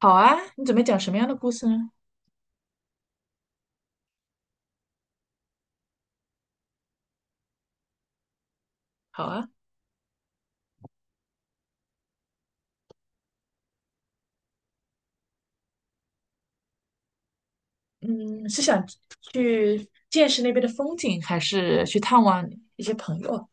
好啊，你准备讲什么样的故事呢？好啊，嗯，是想去见识那边的风景，还是去探望一些朋友？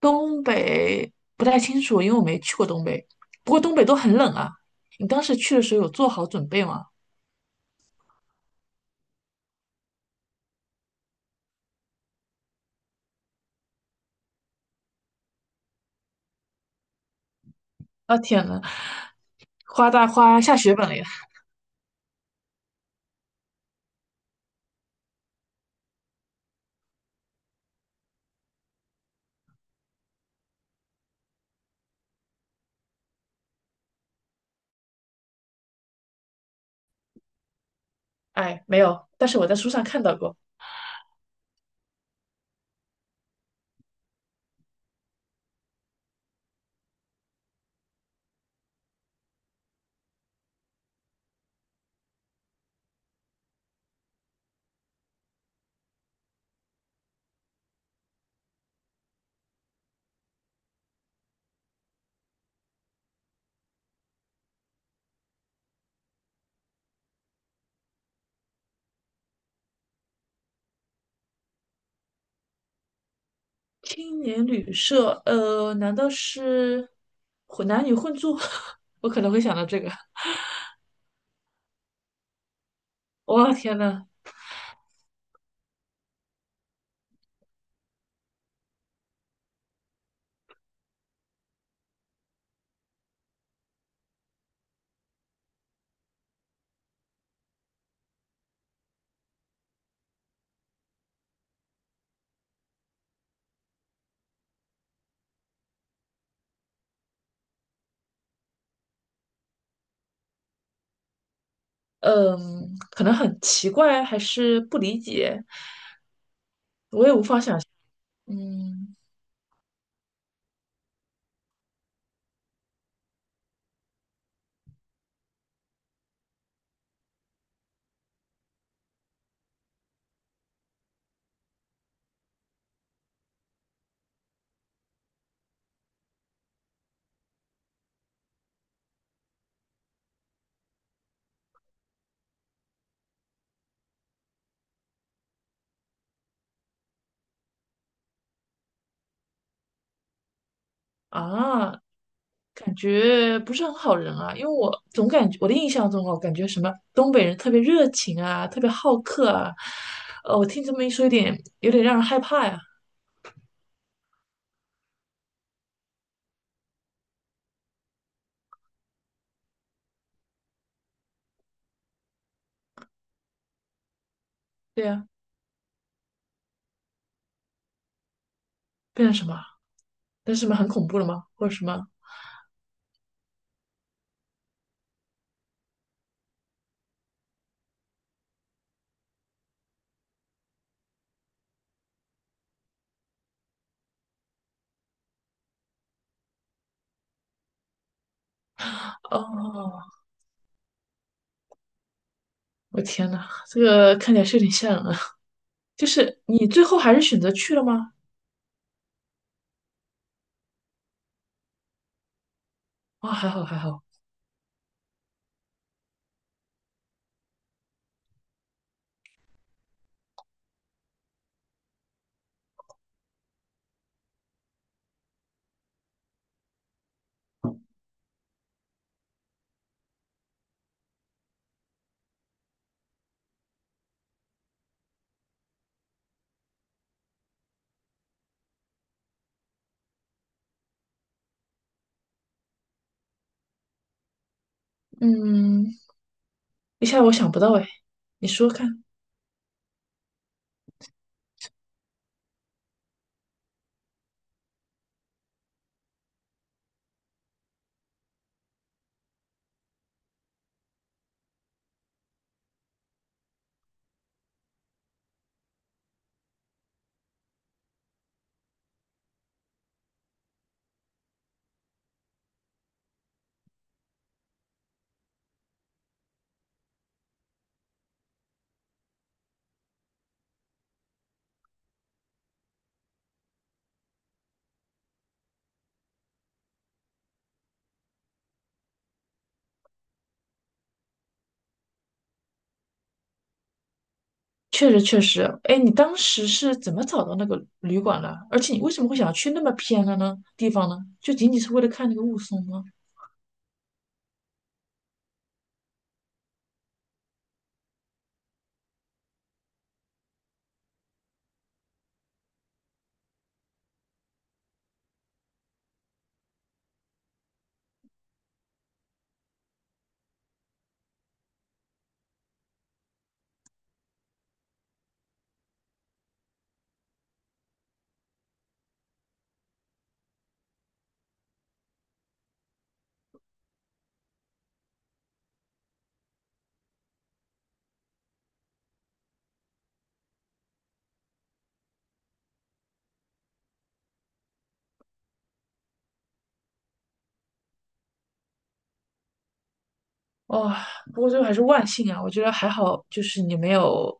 东北不太清楚，因为我没去过东北。不过东北都很冷啊。你当时去的时候有做好准备吗？啊，天呐，花大花下血本了呀！哎，没有，但是我在书上看到过青年旅社，难道是混男女混住？我可能会想到这个。哇，天呐，嗯，可能很奇怪，还是不理解，嗯啊，感觉不是很好人啊，因为我总感觉我的印象中哦，感觉什么东北人特别热情啊，特别好客啊，我听这么一说，有点让人害怕呀，对呀，变成什么？变成什么很恐怖了吗？或者什么？哦，我天呐，这个看起来是有点吓人啊，就是你最后还是选择去了吗？啊、还好还好，嗯，一下我想不到哎，你说看。确实确实，哎，你当时是怎么找到那个旅馆的？而且你为什么会想要去那么偏的呢地方呢？就仅仅是为了看那个雾凇吗？哦，不过最后还是万幸啊，我觉得还好，就是你没有，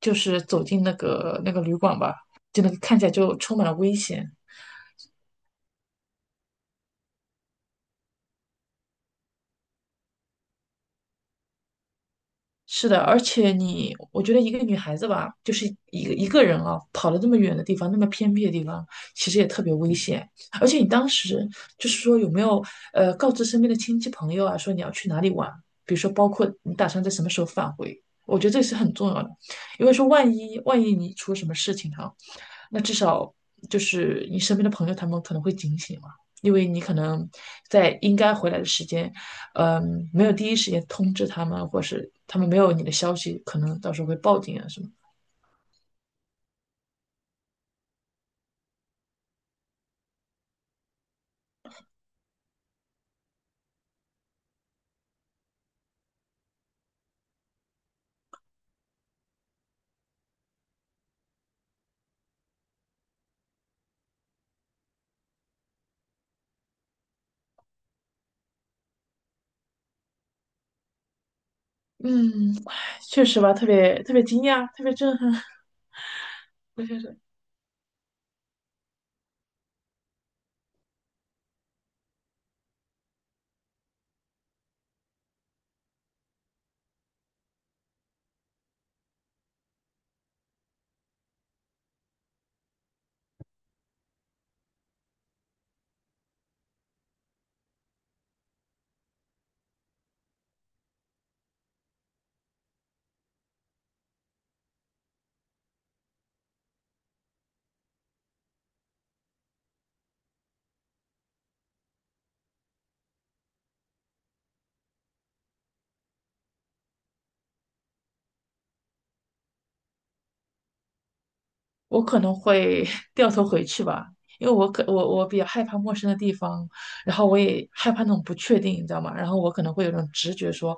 就是走进那个那个旅馆吧，就那个看起来就充满了危险。是的，而且你，我觉得一个女孩子吧，就是一个一个人啊，跑了那么远的地方，那么偏僻的地方，其实也特别危险。而且你当时就是说有没有告知身边的亲戚朋友啊，说你要去哪里玩，比如说包括你打算在什么时候返回，我觉得这是很重要的，因为说万一万一你出了什么事情哈、那至少就是你身边的朋友他们可能会警醒嘛，因为你可能在应该回来的时间没有第一时间通知他们，或是他们没有你的消息，可能到时候会报警啊什么。嗯，唉确实吧，特别特别惊讶，特别震撼。我觉得我可能会 掉头回去吧，因为我可我我比较害怕陌生的地方，然后我也害怕那种不确定，你知道吗？然后我可能会有种直觉说，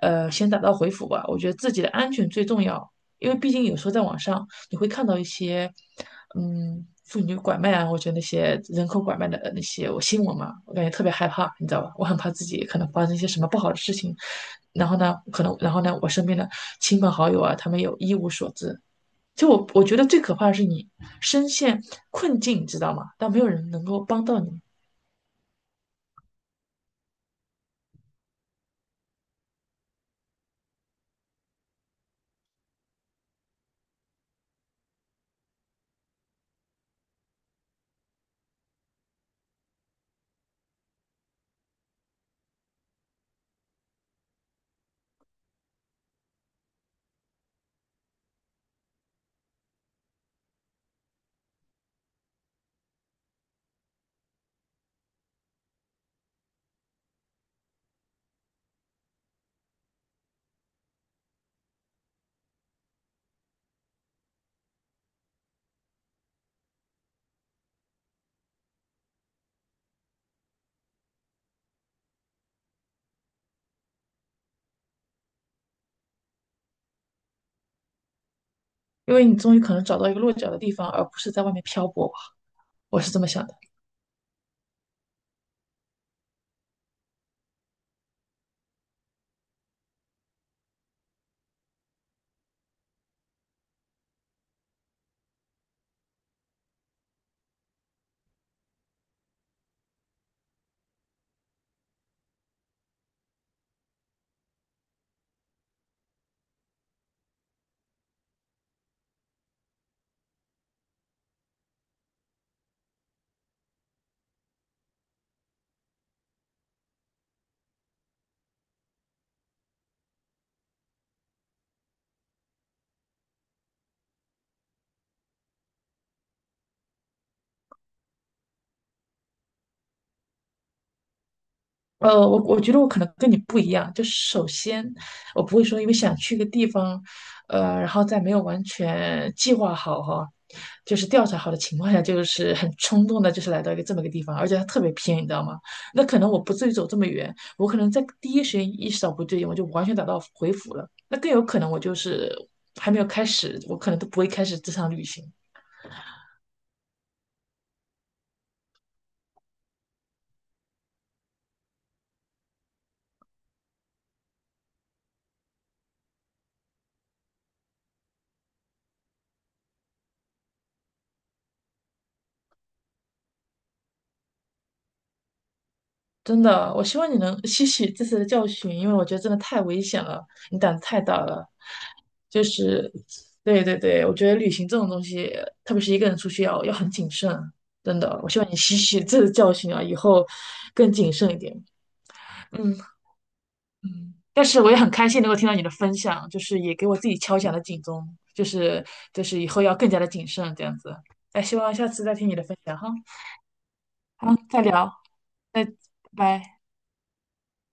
先打道回府吧。我觉得自己的安全最重要，因为毕竟有时候在网上你会看到一些，妇女拐卖啊，我觉得那些人口拐卖的那些我新闻嘛，我感觉特别害怕，你知道吧？我很怕自己可能发生一些什么不好的事情，然后呢，可能然后呢，我身边的亲朋好友啊，他们有一无所知。就我觉得最可怕的是你深陷困境，你知道吗？但没有人能够帮到你，因为你终于可能找到一个落脚的地方，而不是在外面漂泊吧。我是这么想的。我觉得我可能跟你不一样，就是首先我不会说因为想去一个地方，然后在没有完全计划好哈，就是调查好的情况下，就是很冲动的，就是来到一个这么一个地方，而且它特别偏，你知道吗？那可能我不至于走这么远，我可能在第一时间意识到不对劲，我就完全打道回府了。那更有可能我就是还没有开始，我可能都不会开始这场旅行。真的，我希望你能吸取这次的教训，因为我觉得真的太危险了，你胆子太大了。就是，对对对，我觉得旅行这种东西，特别是一个人出去要很谨慎，真的。我希望你吸取这次教训啊，以后更谨慎一点。嗯嗯，但是我也很开心能够听到你的分享，就是也给我自己敲响了警钟，就是就是以后要更加的谨慎这样子。那希望下次再听你的分享哈。好，再聊，再拜拜。